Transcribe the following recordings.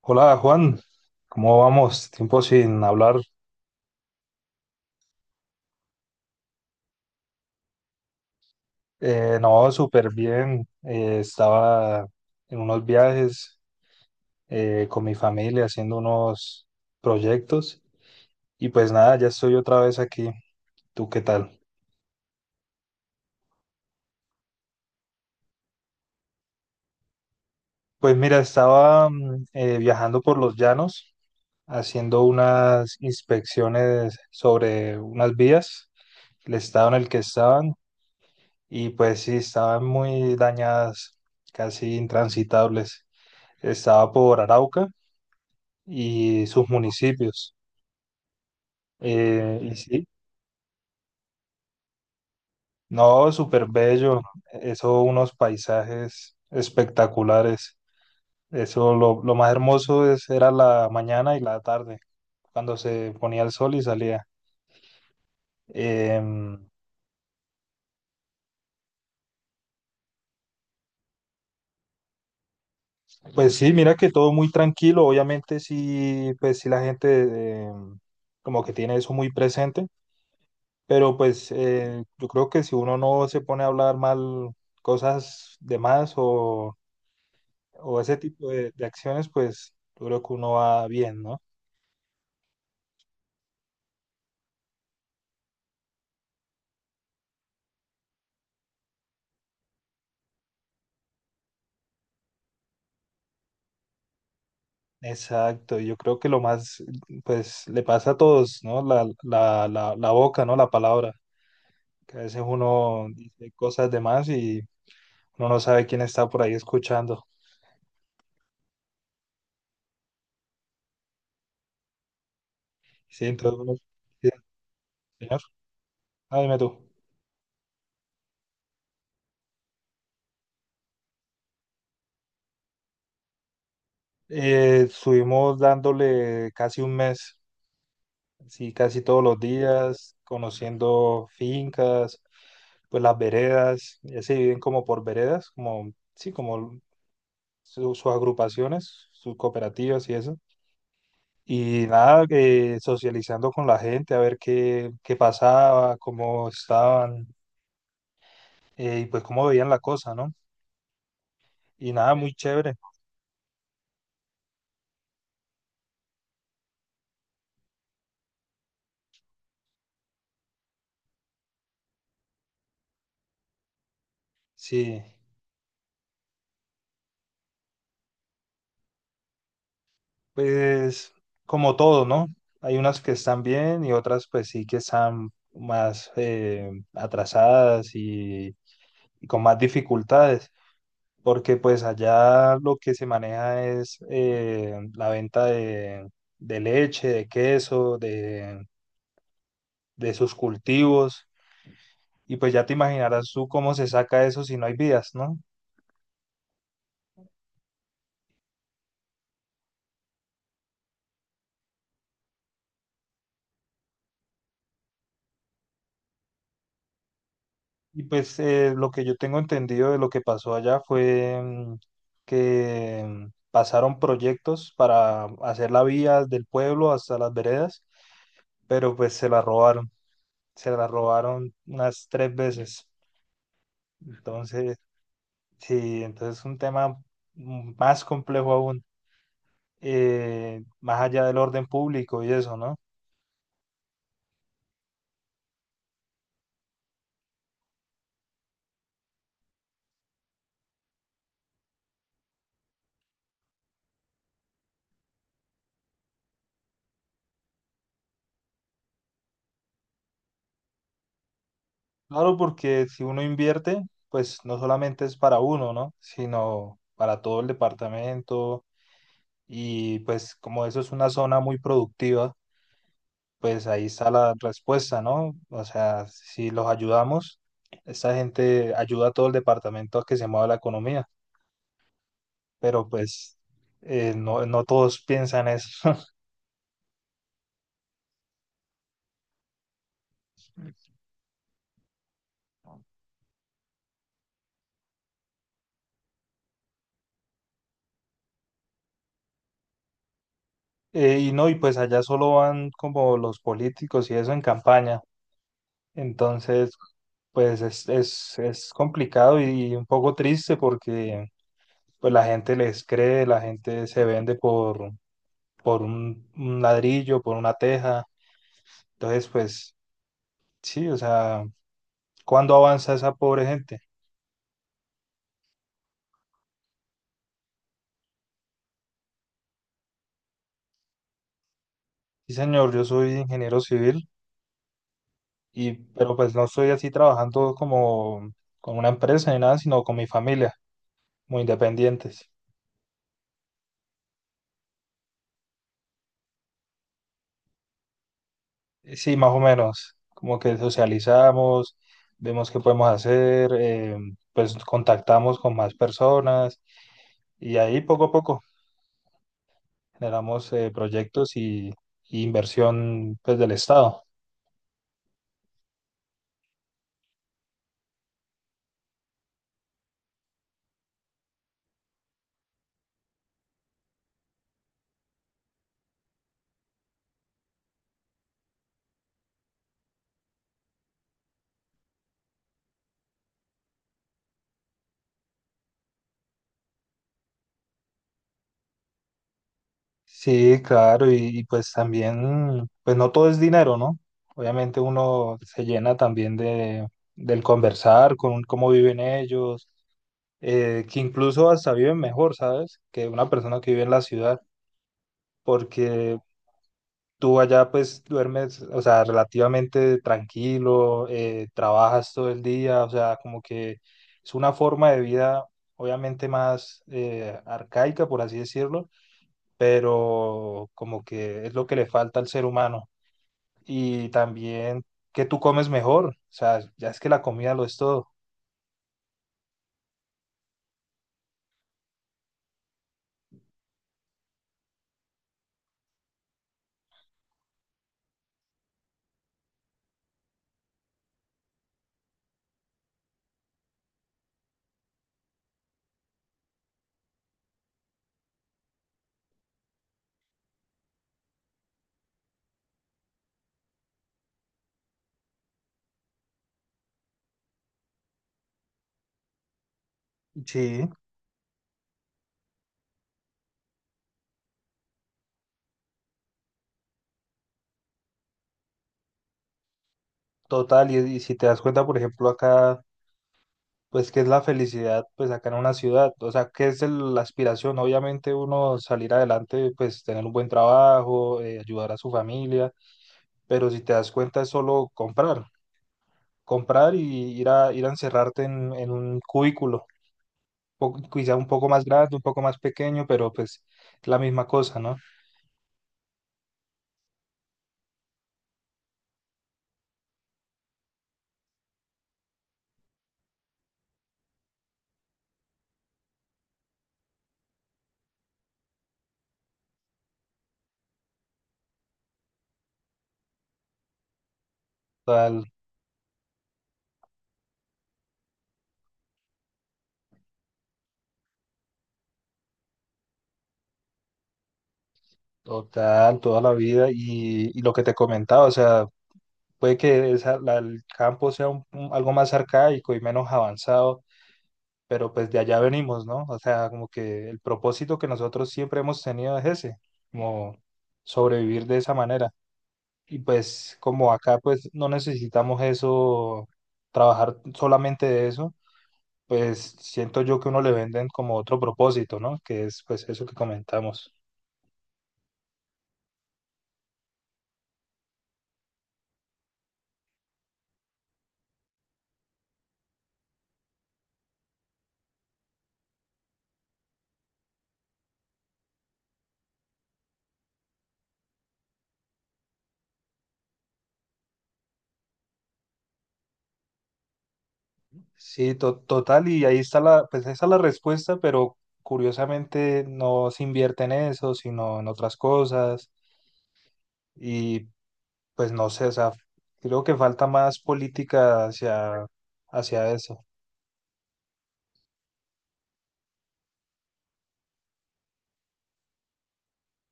Hola Juan, ¿cómo vamos? Tiempo sin hablar. No, súper bien. Estaba en unos viajes con mi familia haciendo unos proyectos y pues nada, ya estoy otra vez aquí. ¿Tú qué tal? Pues mira, estaba viajando por los llanos haciendo unas inspecciones sobre unas vías, el estado en el que estaban, y pues sí, estaban muy dañadas, casi intransitables. Estaba por Arauca y sus municipios. Y sí, no, súper bello, eso, unos paisajes espectaculares. Eso, lo más hermoso es, era la mañana y la tarde, cuando se ponía el sol y salía. Em, pues sí, mira que todo muy tranquilo, obviamente sí, pues sí la gente como que tiene eso muy presente, pero pues yo creo que si uno no se pone a hablar mal cosas de más o ese tipo de acciones, pues yo creo que uno va bien, ¿no? Exacto, yo creo que lo más, pues le pasa a todos, ¿no? La boca, ¿no? La palabra, que a veces uno dice cosas de más y uno no sabe quién está por ahí escuchando. Sí, entonces, sí, señor, ah, dime tú. Estuvimos dándole casi un mes, sí, casi todos los días, conociendo fincas, pues las veredas, ya se dividen como por veredas, como, sí, como sus agrupaciones, sus cooperativas y eso. Y nada, socializando con la gente, a ver qué pasaba, cómo estaban y pues cómo veían la cosa, ¿no? Y nada, muy chévere. Sí, pues como todo, ¿no? Hay unas que están bien y otras pues sí que están más atrasadas y con más dificultades. Porque pues allá lo que se maneja es la venta de leche, de queso, de sus cultivos, y pues ya te imaginarás tú cómo se saca eso si no hay vías, ¿no? Y pues lo que yo tengo entendido de lo que pasó allá fue que pasaron proyectos para hacer la vía del pueblo hasta las veredas, pero pues se la robaron unas tres veces. entonces Sí, entonces es un tema más complejo aún, más allá del orden público y eso, ¿no? Claro, porque si uno invierte, pues no solamente es para uno, ¿no? Sino para todo el departamento, y pues como eso es una zona muy productiva, pues ahí está la respuesta, ¿no? O sea, si los ayudamos, esta gente ayuda a todo el departamento a que se mueva la economía, pero pues no, no todos piensan eso. Y no, y pues allá solo van como los políticos y eso en campaña. Entonces, pues es complicado y un poco triste porque pues la gente les cree, la gente se vende por un ladrillo, por una teja. Entonces, pues sí, o sea, ¿cuándo avanza esa pobre gente? Sí, señor, yo soy ingeniero civil y pero pues no estoy así trabajando como con una empresa ni nada, sino con mi familia, muy independientes. Sí, más o menos, como que socializamos, vemos qué podemos hacer, pues contactamos con más personas y ahí poco a poco generamos proyectos y inversión pues del Estado. Sí, claro, pues también, pues no todo es dinero, ¿no? Obviamente uno se llena también del conversar con cómo viven ellos, que incluso hasta viven mejor, ¿sabes? Que una persona que vive en la ciudad porque tú allá pues duermes, o sea, relativamente tranquilo, trabajas todo el día, o sea, como que es una forma de vida obviamente más arcaica, por así decirlo, pero como que es lo que le falta al ser humano. Y también que tú comes mejor, o sea, ya es que la comida lo es todo. Sí. Total, y si te das cuenta, por ejemplo, acá pues qué es la felicidad, pues acá en una ciudad, o sea, qué es la aspiración, obviamente uno salir adelante, pues tener un buen trabajo, ayudar a su familia, pero si te das cuenta es solo comprar, comprar y ir ir a encerrarte en un cubículo, quizá un poco más grande, un poco más pequeño, pero pues la misma cosa, ¿no? Total, Total, toda la vida y lo que te comentaba, o sea, puede que el campo sea algo más arcaico y menos avanzado, pero pues de allá venimos, ¿no? O sea, como que el propósito que nosotros siempre hemos tenido es ese, como sobrevivir de esa manera. Y pues como acá pues no necesitamos eso, trabajar solamente de eso, pues siento yo que uno le venden como otro propósito, ¿no? Que es pues eso que comentamos. Sí, total, y ahí está la, pues esa es la respuesta, pero curiosamente no se invierte en eso, sino en otras cosas. Y pues no sé, o sea, creo que falta más política hacia eso.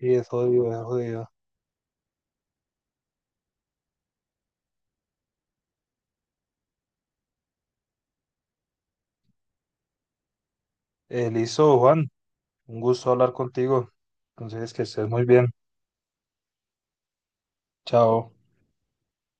Y es jodido, es jodido. Listo, Juan, un gusto hablar contigo. Entonces, que estés muy bien. Chao.